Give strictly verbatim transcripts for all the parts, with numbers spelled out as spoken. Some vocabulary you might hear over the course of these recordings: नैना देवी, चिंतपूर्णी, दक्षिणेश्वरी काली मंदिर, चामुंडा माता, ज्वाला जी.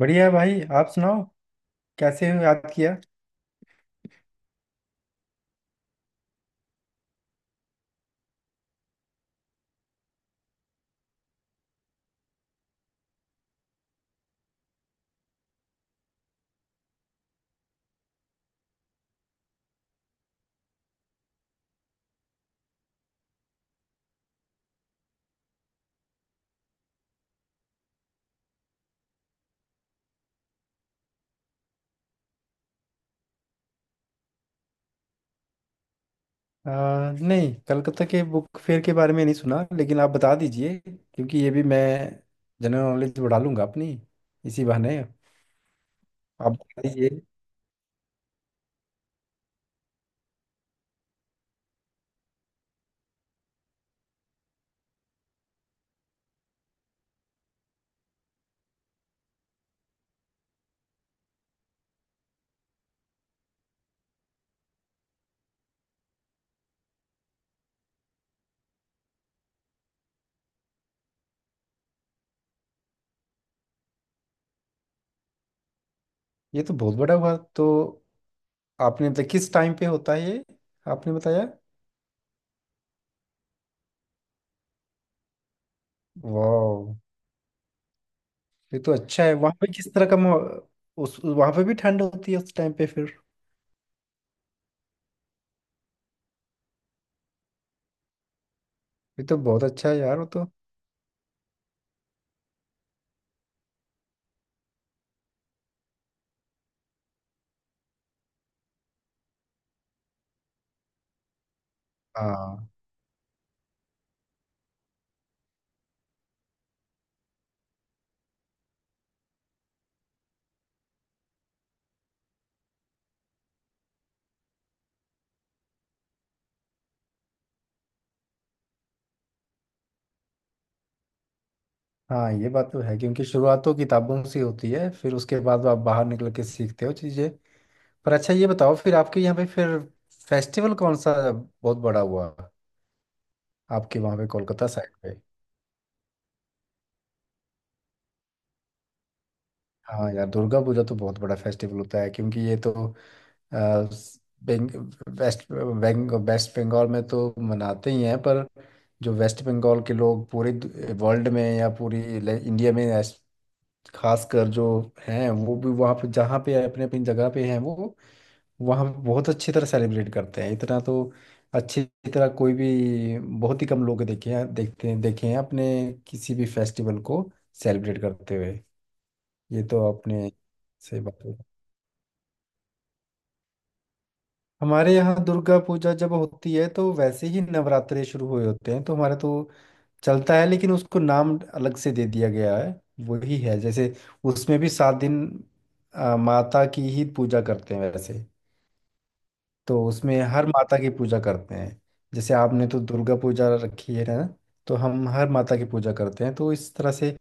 बढ़िया है भाई। आप सुनाओ, कैसे हो? याद किया। आ, नहीं कलकत्ता के बुक फेयर के बारे में नहीं सुना, लेकिन आप बता दीजिए क्योंकि ये भी मैं जनरल नॉलेज बढ़ा लूंगा अपनी इसी बहाने। आप बता दीजिए। ये तो बहुत बड़ा हुआ। तो आपने मतलब किस टाइम पे होता है ये, आपने बताया। वाह, ये तो अच्छा है। वहाँ पे किस तरह का माहौल- उस वहाँ पे भी ठंड होती है उस टाइम पे फिर? ये तो बहुत अच्छा है यार, वो तो। हाँ हाँ, ये बात तो है क्योंकि शुरुआत तो किताबों से होती है, फिर उसके बाद आप बाहर निकल के सीखते हो चीजें। पर अच्छा, ये बताओ फिर आपके यहाँ पे फिर फेस्टिवल कौन सा बहुत बड़ा हुआ, आपके वहाँ पे कोलकाता साइड पे? हाँ यार, दुर्गा पूजा तो बहुत बड़ा फेस्टिवल होता है क्योंकि ये तो आ, स- बेंग, वेस्ट बेंग, वेस्ट बंगाल में तो मनाते ही हैं, पर जो वेस्ट बंगाल के लोग पूरे वर्ल्ड में या पूरी ले- इंडिया में ऐस- खासकर जो हैं वो भी वहाँ पे, जहाँ पे अपने अपनी जगह पे हैं वो वहाँ पे बहुत अच्छी तरह सेलिब्रेट करते हैं। इतना तो अच्छी तरह कोई भी, बहुत ही कम लोग देखे हैं देखते हैं देखे हैं अपने किसी भी फेस्टिवल को सेलिब्रेट करते हुए, ये तो आपने। सही बात है। हमारे यहाँ दुर्गा पूजा जब होती है तो वैसे ही नवरात्रे शुरू हुए होते हैं तो हमारे तो चलता है, लेकिन उसको नाम अलग से दे दिया गया है। वही है, जैसे उसमें भी सात दिन आ, माता की ही पूजा करते हैं वैसे, तो उसमें हर माता की पूजा करते हैं। जैसे आपने तो दुर्गा पूजा रखी है ना, तो हम हर माता की पूजा करते हैं, तो इस तरह से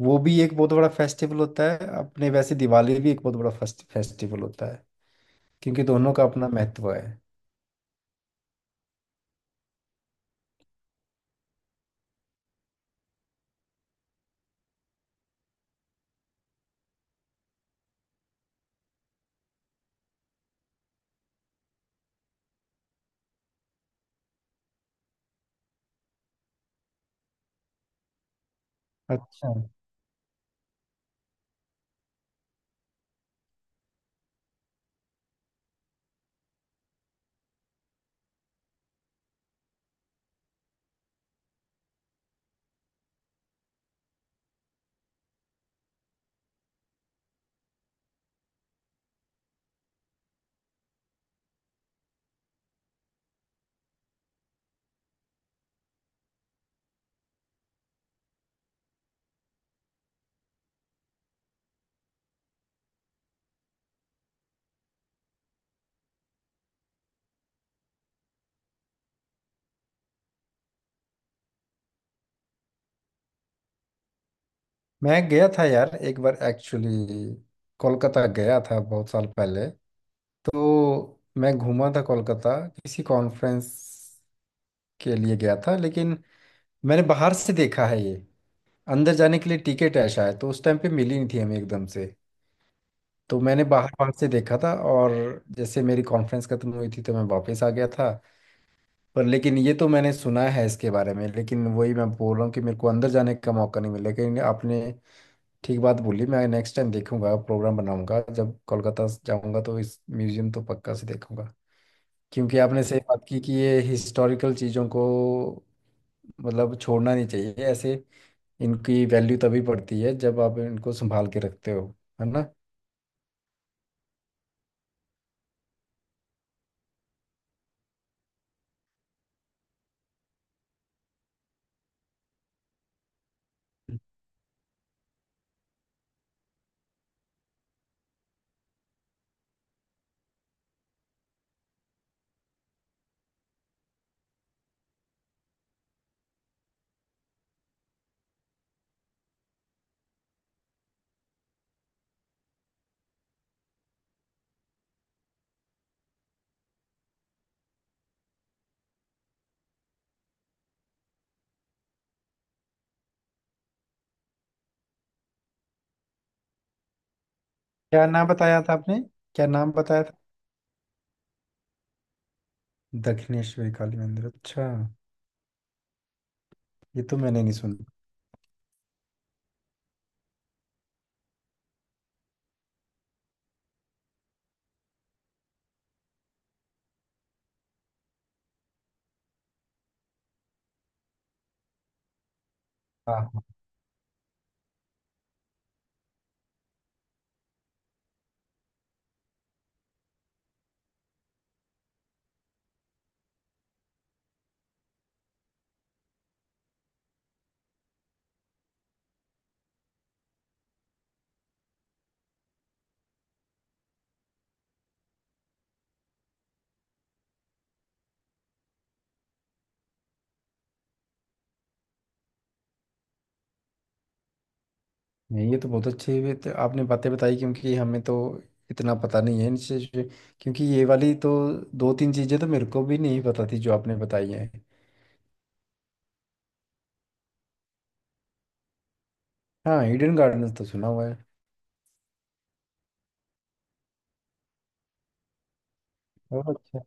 वो भी एक बहुत बड़ा फेस्टिवल होता है अपने। वैसे दिवाली भी एक बहुत बड़ा फेस्ट, फेस्टिवल होता है क्योंकि दोनों का अपना महत्व है। अच्छा। मैं गया था यार एक बार एक्चुअली। कोलकाता गया था बहुत साल पहले, तो मैं घूमा था कोलकाता, किसी कॉन्फ्रेंस के लिए गया था, लेकिन मैंने बाहर से देखा है ये। अंदर जाने के लिए टिकट है शायद, तो उस टाइम पे मिली नहीं थी हमें एकदम से। तो मैंने बाहर बाहर से देखा था, और जैसे मेरी कॉन्फ्रेंस खत्म हुई थी तो मैं वापस आ गया था। पर लेकिन ये तो मैंने सुना है इसके बारे में, लेकिन वही मैं बोल रहा हूँ कि मेरे को अंदर जाने का मौका नहीं मिला, लेकिन आपने ठीक बात बोली। मैं नेक्स्ट टाइम देखूंगा, प्रोग्राम बनाऊंगा, जब कोलकाता जाऊंगा तो इस म्यूजियम तो पक्का से देखूंगा क्योंकि आपने सही बात की कि ये हिस्टोरिकल चीज़ों को मतलब छोड़ना नहीं चाहिए ऐसे। इनकी वैल्यू तभी बढ़ती है जब आप इनको संभाल के रखते हो, है ना? क्या नाम बताया था आपने? क्या नाम बताया था? दक्षिणेश्वरी काली मंदिर, अच्छा। ये तो मैंने नहीं सुना। हाँ हाँ। नहीं, ये तो बहुत अच्छी, ये तो आपने बातें बताई क्योंकि हमें तो इतना पता नहीं है इन चीज़ पे। क्योंकि ये वाली तो दो तीन चीज़ें तो मेरे को भी नहीं पता थी, जो आपने बताई हैं। हाँ, हिडन गार्डन तो सुना हुआ है। ओह अच्छा।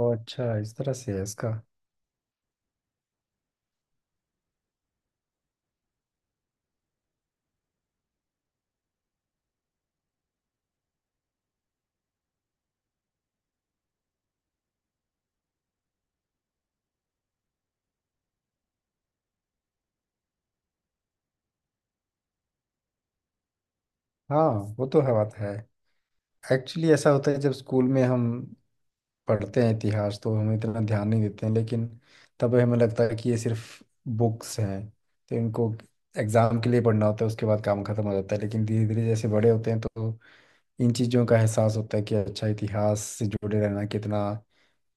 ओह अच्छा, इस तरह से है इसका। हाँ, वो तो है बात है। एक्चुअली ऐसा होता है, जब स्कूल में हम पढ़ते हैं इतिहास तो हम इतना ध्यान नहीं देते हैं, लेकिन तब हमें लगता है कि ये सिर्फ बुक्स हैं तो इनको एग्जाम के लिए पढ़ना होता है, उसके बाद काम खत्म हो जाता है। लेकिन धीरे धीरे जैसे बड़े होते हैं तो इन चीज़ों का एहसास होता है कि अच्छा, इतिहास से जुड़े रहना कितना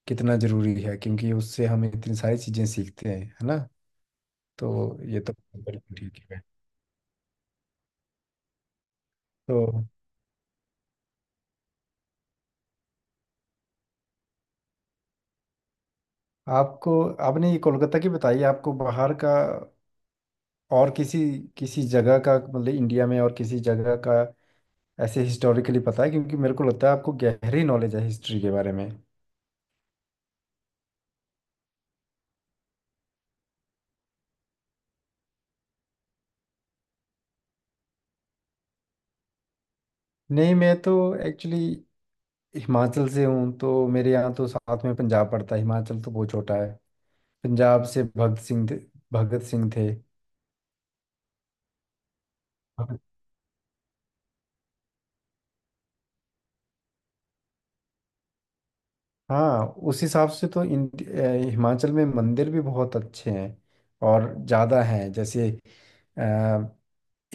कितना जरूरी है क्योंकि उससे हम इतनी सारी चीज़ें सीखते हैं, है ना? तो ये तो बिल्कुल ठीक है। तो आपको आपने ये कोलकाता की बताई, आपको बाहर का और किसी किसी जगह का मतलब इंडिया में और किसी जगह का ऐसे हिस्टोरिकली पता है क्योंकि मेरे को लगता है आपको गहरी नॉलेज है हिस्ट्री के बारे में? नहीं, मैं तो एक्चुअली हिमाचल से हूँ, तो मेरे यहाँ तो साथ में पंजाब पड़ता है, हिमाचल तो बहुत छोटा है। पंजाब से भगत सिंह थे। भगत सिंह थे। भगत- हाँ, उस हिसाब से तो इन अ, हिमाचल में मंदिर भी बहुत अच्छे हैं और ज़्यादा हैं। जैसे अ,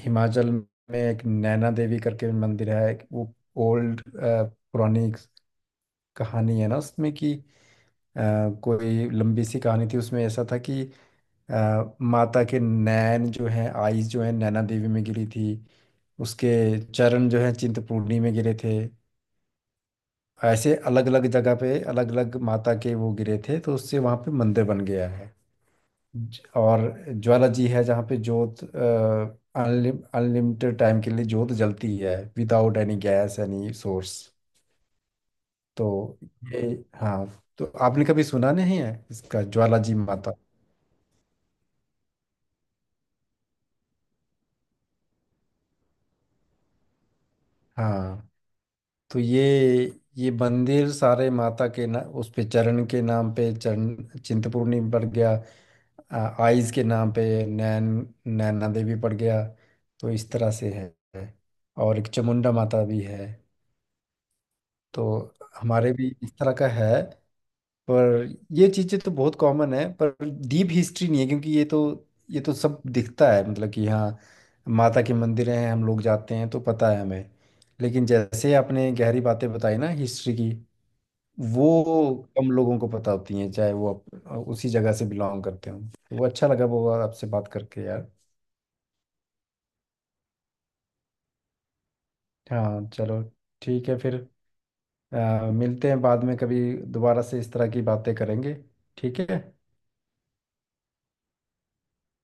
हिमाचल में एक नैना देवी करके मंदिर है, वो ओल्ड पुरानी एक कहानी है ना उसमें, कि अ, कोई लंबी सी कहानी थी, उसमें ऐसा था कि अ, माता के नैन जो हैं, आईज जो हैं, नैना देवी में गिरी थी, उसके चरण जो हैं चिंतपूर्णी में गिरे थे। ऐसे अलग अलग जगह पे अलग अलग माता के वो गिरे थे तो उससे वहाँ पे मंदिर बन गया है। ज- और ज्वाला जी है, जहाँ पे जोत अनलिम अनलिमिटेड टाइम के लिए जोत जलती है without any gas any source. तो ये, हाँ, तो आपने कभी सुना नहीं है इसका, ज्वाला जी माता? हाँ, तो ये ये मंदिर सारे माता के ना, उस पे चरण के नाम पे चरण चिंतपूर्णी पड़ गया। आ, आइज के नाम पे नैन नैना देवी पड़ गया, तो इस तरह से है। और एक चामुंडा माता भी है, तो हमारे भी इस तरह का है। पर ये चीज़ें तो बहुत कॉमन है, पर डीप हिस्ट्री नहीं है क्योंकि ये तो ये तो सब दिखता है, मतलब कि हाँ, माता के मंदिर हैं, हम लोग जाते हैं तो पता है हमें, लेकिन जैसे आपने गहरी बातें बताई ना हिस्ट्री की, वो कम लोगों को पता होती हैं, चाहे वो आप उसी जगह से बिलोंग करते हों, तो वो अच्छा लगा वो आपसे बात करके यार। हाँ चलो, ठीक है फिर। अ, मिलते हैं बाद में कभी, दोबारा से इस तरह की बातें करेंगे, ठीक है?